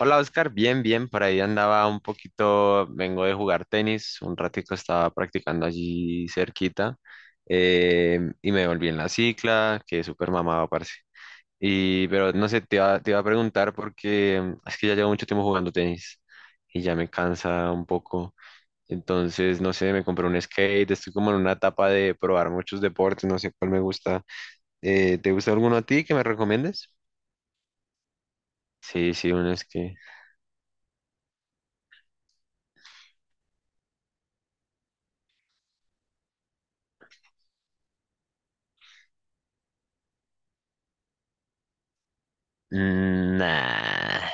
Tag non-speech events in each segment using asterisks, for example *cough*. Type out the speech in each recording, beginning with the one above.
Hola Oscar, bien, bien, por ahí andaba un poquito. Vengo de jugar tenis, un ratico estaba practicando allí cerquita, y me volví en la cicla, que súper mamado, parce. Y pero no sé, te iba a preguntar porque es que ya llevo mucho tiempo jugando tenis y ya me cansa un poco. Entonces, no sé, me compré un skate, estoy como en una etapa de probar muchos deportes, no sé cuál me gusta. ¿Te gusta alguno a ti que me recomiendes? Sí, sí, uno es que... Nah.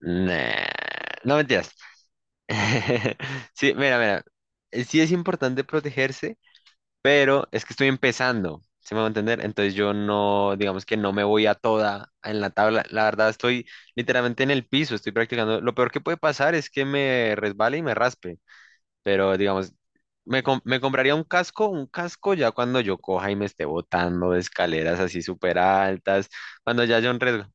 Nah, no mentiras. *laughs* Sí, mira, mira, sí es importante protegerse, pero es que estoy empezando, ¿se me va a entender? Entonces yo no, digamos que no me voy a toda en la tabla. La verdad estoy literalmente en el piso, estoy practicando. Lo peor que puede pasar es que me resbale y me raspe, pero digamos, me compraría un casco ya cuando yo coja y me esté botando de escaleras así súper altas, cuando ya haya un riesgo.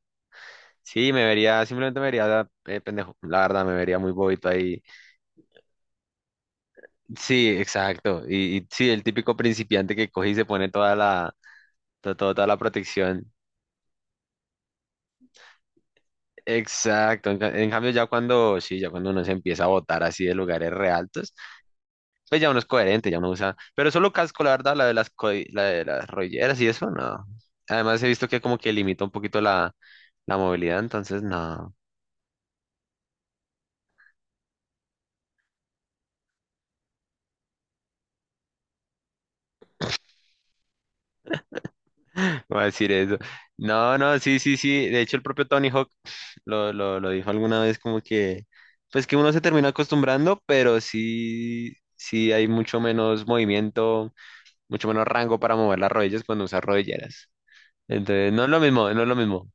Sí, me vería, simplemente me vería pendejo, la verdad, me vería muy bobito ahí. Sí, exacto. Y sí, el típico principiante que coge y se pone toda la, toda la protección. Exacto. En cambio, ya cuando, sí, ya cuando uno se empieza a botar así de lugares re altos, pues ya uno es coherente, ya uno usa. Pero solo casco, la verdad, la de las rolleras y eso, no. Además, he visto que como que limita un poquito la, la movilidad, entonces no. *laughs* Voy a decir eso. No, no, sí, sí, sí. De hecho, el propio Tony Hawk lo dijo alguna vez como que, pues que uno se termina acostumbrando, pero sí, sí hay mucho menos movimiento, mucho menos rango para mover las rodillas cuando usas rodilleras. Entonces, no es lo mismo, no es lo mismo.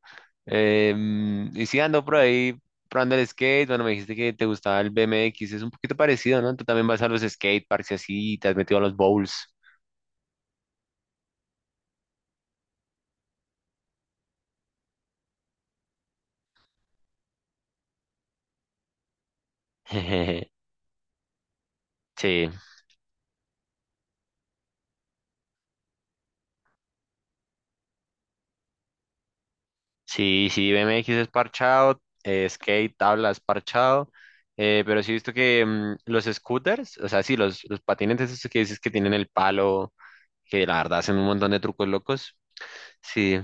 Y sí ando por ahí probando el skate. Bueno, me dijiste que te gustaba el BMX, es un poquito parecido, ¿no? Tú también vas a los skate parks y así, y te has metido a los bowls. *laughs* Sí. Sí, sí, BMX es parchado, skate, tabla es parchado, pero sí he visto que los scooters, o sea, sí, los patinetes esos que dices que tienen el palo, que la verdad hacen un montón de trucos locos, sí,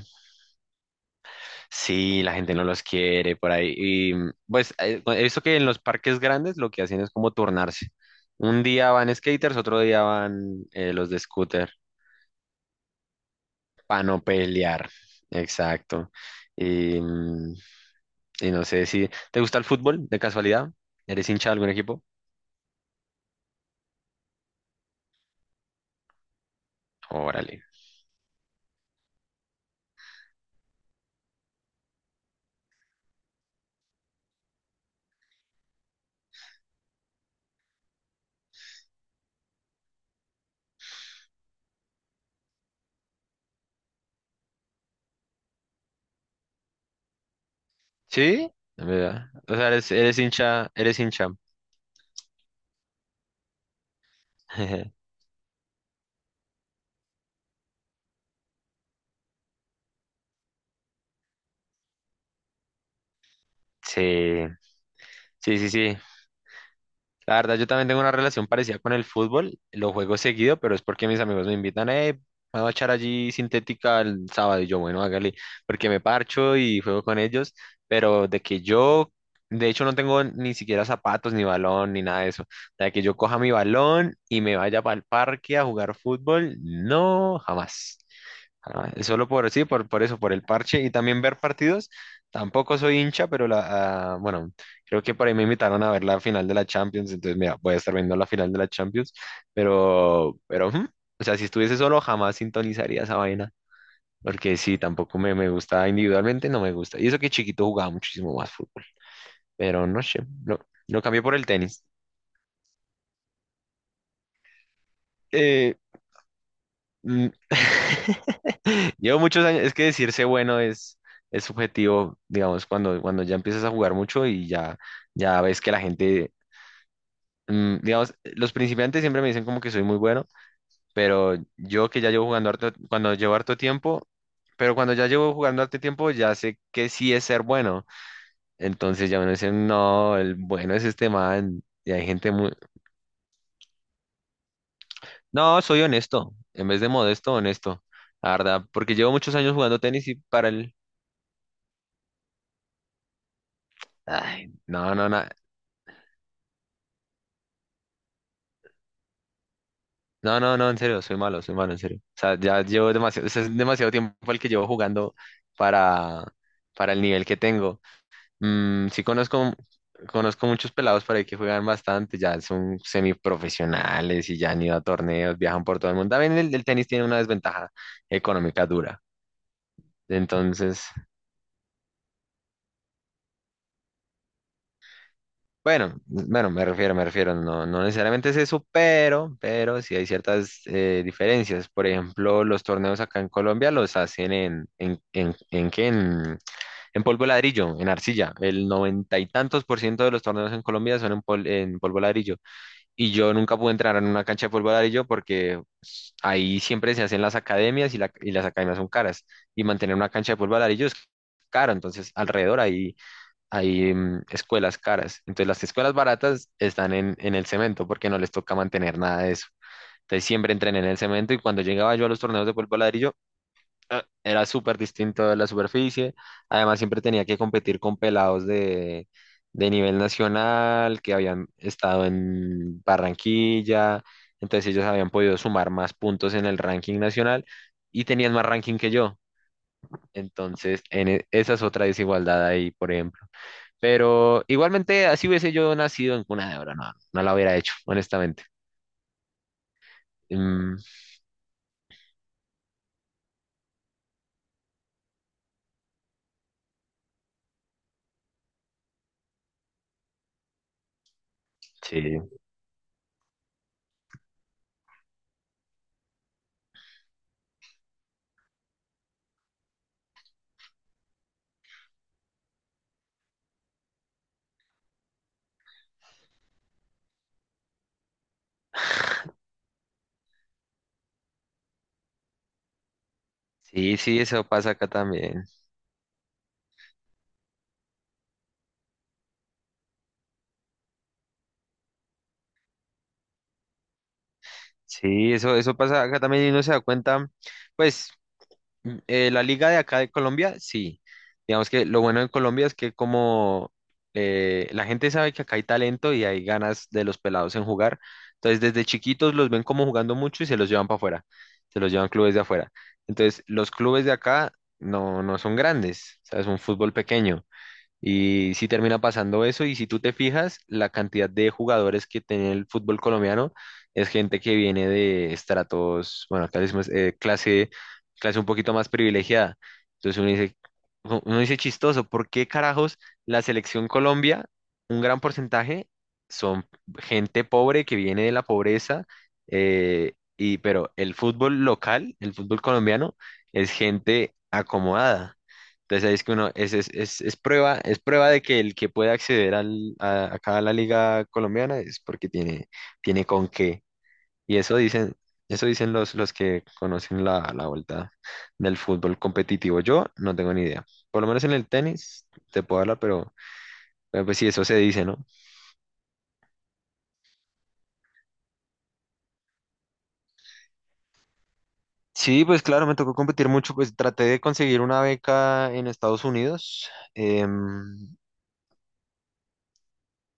sí, la gente no los quiere por ahí. Y pues he visto que en los parques grandes lo que hacen es como turnarse. Un día van skaters, otro día van los de scooter, para no pelear, exacto. Y, y no sé si te gusta el fútbol de casualidad. ¿Eres hincha de algún equipo? Órale. ¿Sí? ¿Verdad? O sea, eres, eres hincha, eres hincha. *laughs* Sí, sí, sí, sí. La verdad, yo también tengo una relación parecida con el fútbol. Lo juego seguido, pero es porque mis amigos me invitan, vamos a echar allí sintética el sábado. Y yo, bueno, hágale, porque me parcho y juego con ellos. Pero de que yo, de hecho, no tengo ni siquiera zapatos, ni balón, ni nada de eso. De que yo coja mi balón y me vaya para el parque a jugar fútbol, no, jamás. Ah, solo por, sí, por eso, por el parche y también ver partidos. Tampoco soy hincha, pero la, ah, bueno, creo que por ahí me invitaron a ver la final de la Champions, entonces mira, voy a estar viendo la final de la Champions, pero, ujú, o sea, si estuviese solo jamás sintonizaría esa vaina, porque sí, tampoco me, me gusta individualmente, no me gusta. Y eso que chiquito jugaba muchísimo más fútbol, pero no sé, no, lo cambié por el tenis. Eh, mm, *laughs* *laughs* Llevo muchos años, es que decirse bueno es subjetivo, digamos, cuando, cuando ya empiezas a jugar mucho y ya, ya ves que la gente, digamos, los principiantes siempre me dicen como que soy muy bueno, pero yo que ya llevo jugando harto, cuando llevo harto tiempo, pero cuando ya llevo jugando harto tiempo ya sé que sí es ser bueno, entonces ya me dicen no, el bueno es este man, y hay gente muy, no, soy honesto, en vez de modesto, honesto, la verdad, porque llevo muchos años jugando tenis y para el... Ay, no, no, no. No, no, no, en serio, soy malo, en serio. O sea, ya llevo demasiado, o sea, es demasiado tiempo el que llevo jugando para, para el nivel que tengo. Sí conozco, conozco muchos pelados para ahí que juegan bastante, ya son semiprofesionales y ya han ido a torneos, viajan por todo el mundo. También el tenis tiene una desventaja económica dura. Entonces, bueno, bueno, me refiero, no, no necesariamente es eso, pero sí hay ciertas diferencias. Por ejemplo, los torneos acá en Colombia los hacen en, en polvo de ladrillo, en arcilla. El noventa y tantos por ciento de los torneos en Colombia son en, en polvo de ladrillo. Y yo nunca pude entrar en una cancha de polvo de ladrillo porque ahí siempre se hacen las academias y las academias son caras. Y mantener una cancha de polvo de ladrillo es caro, entonces alrededor ahí hay escuelas caras. Entonces las escuelas baratas están en el cemento porque no les toca mantener nada de eso. Entonces siempre entrené en el cemento y cuando llegaba yo a los torneos de polvo ladrillo, ah, era súper distinto de la superficie. Además siempre tenía que competir con pelados de nivel nacional que habían estado en Barranquilla. Entonces ellos habían podido sumar más puntos en el ranking nacional y tenían más ranking que yo. Entonces esa es otra desigualdad ahí, por ejemplo. Pero igualmente, así hubiese yo nacido en cuna de oro, no, no la hubiera hecho, honestamente. Mm, sí, sí, sí, eso pasa acá también. Sí, eso pasa acá también y uno se da cuenta, pues la liga de acá de Colombia, sí. Digamos que lo bueno en Colombia es que como la gente sabe que acá hay talento y hay ganas de los pelados en jugar, entonces desde chiquitos los ven como jugando mucho y se los llevan para afuera, se los llevan clubes de afuera. Entonces los clubes de acá no, no son grandes, o sea, es un fútbol pequeño. Y si termina pasando eso, y si tú te fijas, la cantidad de jugadores que tiene el fútbol colombiano es gente que viene de estratos, bueno, acá le decimos, clase, clase un poquito más privilegiada. Entonces uno dice chistoso, ¿por qué carajos la selección Colombia, un gran porcentaje, son gente pobre que viene de la pobreza, pero el fútbol local, el fútbol colombiano, es gente acomodada. Entonces ahí es que uno, es prueba de que el que puede acceder acá a la liga colombiana es porque tiene, tiene con qué. Y eso dicen los que conocen la, la vuelta del fútbol competitivo. Yo no tengo ni idea. Por lo menos en el tenis te puedo hablar, pero pues sí, eso se dice, ¿no? Sí, pues claro, me tocó competir mucho, pues traté de conseguir una beca en Estados Unidos.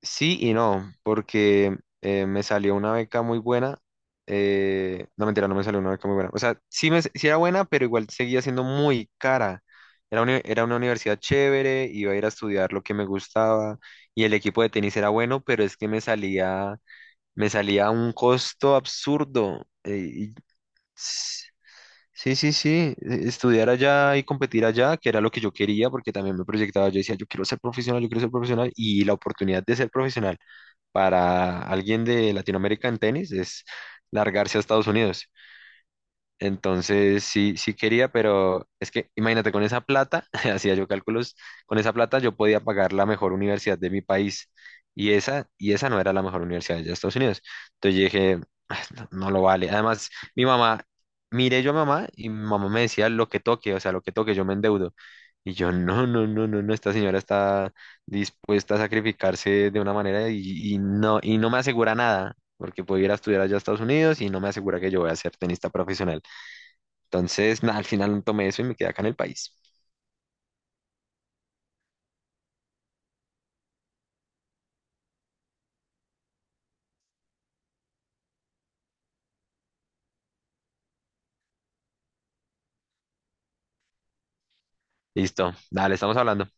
Sí y no, porque me salió una beca muy buena. No, mentira, no me salió una beca muy buena. O sea, sí, me, sí era buena, pero igual seguía siendo muy cara. Era una universidad chévere, iba a ir a estudiar lo que me gustaba y el equipo de tenis era bueno, pero es que me salía a un costo absurdo. S- sí, sí, sí, estudiar allá y competir allá, que era lo que yo quería, porque también me proyectaba, yo decía, yo quiero ser profesional, yo quiero ser profesional y la oportunidad de ser profesional para alguien de Latinoamérica en tenis es largarse a Estados Unidos. Entonces sí, sí quería, pero es que imagínate, con esa plata, *laughs* hacía yo cálculos, con esa plata yo podía pagar la mejor universidad de mi país y esa no era la mejor universidad de Estados Unidos. Entonces yo dije, "Ah, no, no lo vale. Además, mi mamá, miré yo a mamá y mi mamá me decía lo que toque, o sea, lo que toque, yo me endeudo. Y yo, no, no, no, no, no, esta señora está dispuesta a sacrificarse de una manera y no me asegura nada, porque puedo ir a estudiar allá a Estados Unidos y no me asegura que yo voy a ser tenista profesional. Entonces, *laughs* nada, al final tomé eso y me quedé acá en el país. Listo, dale, estamos hablando.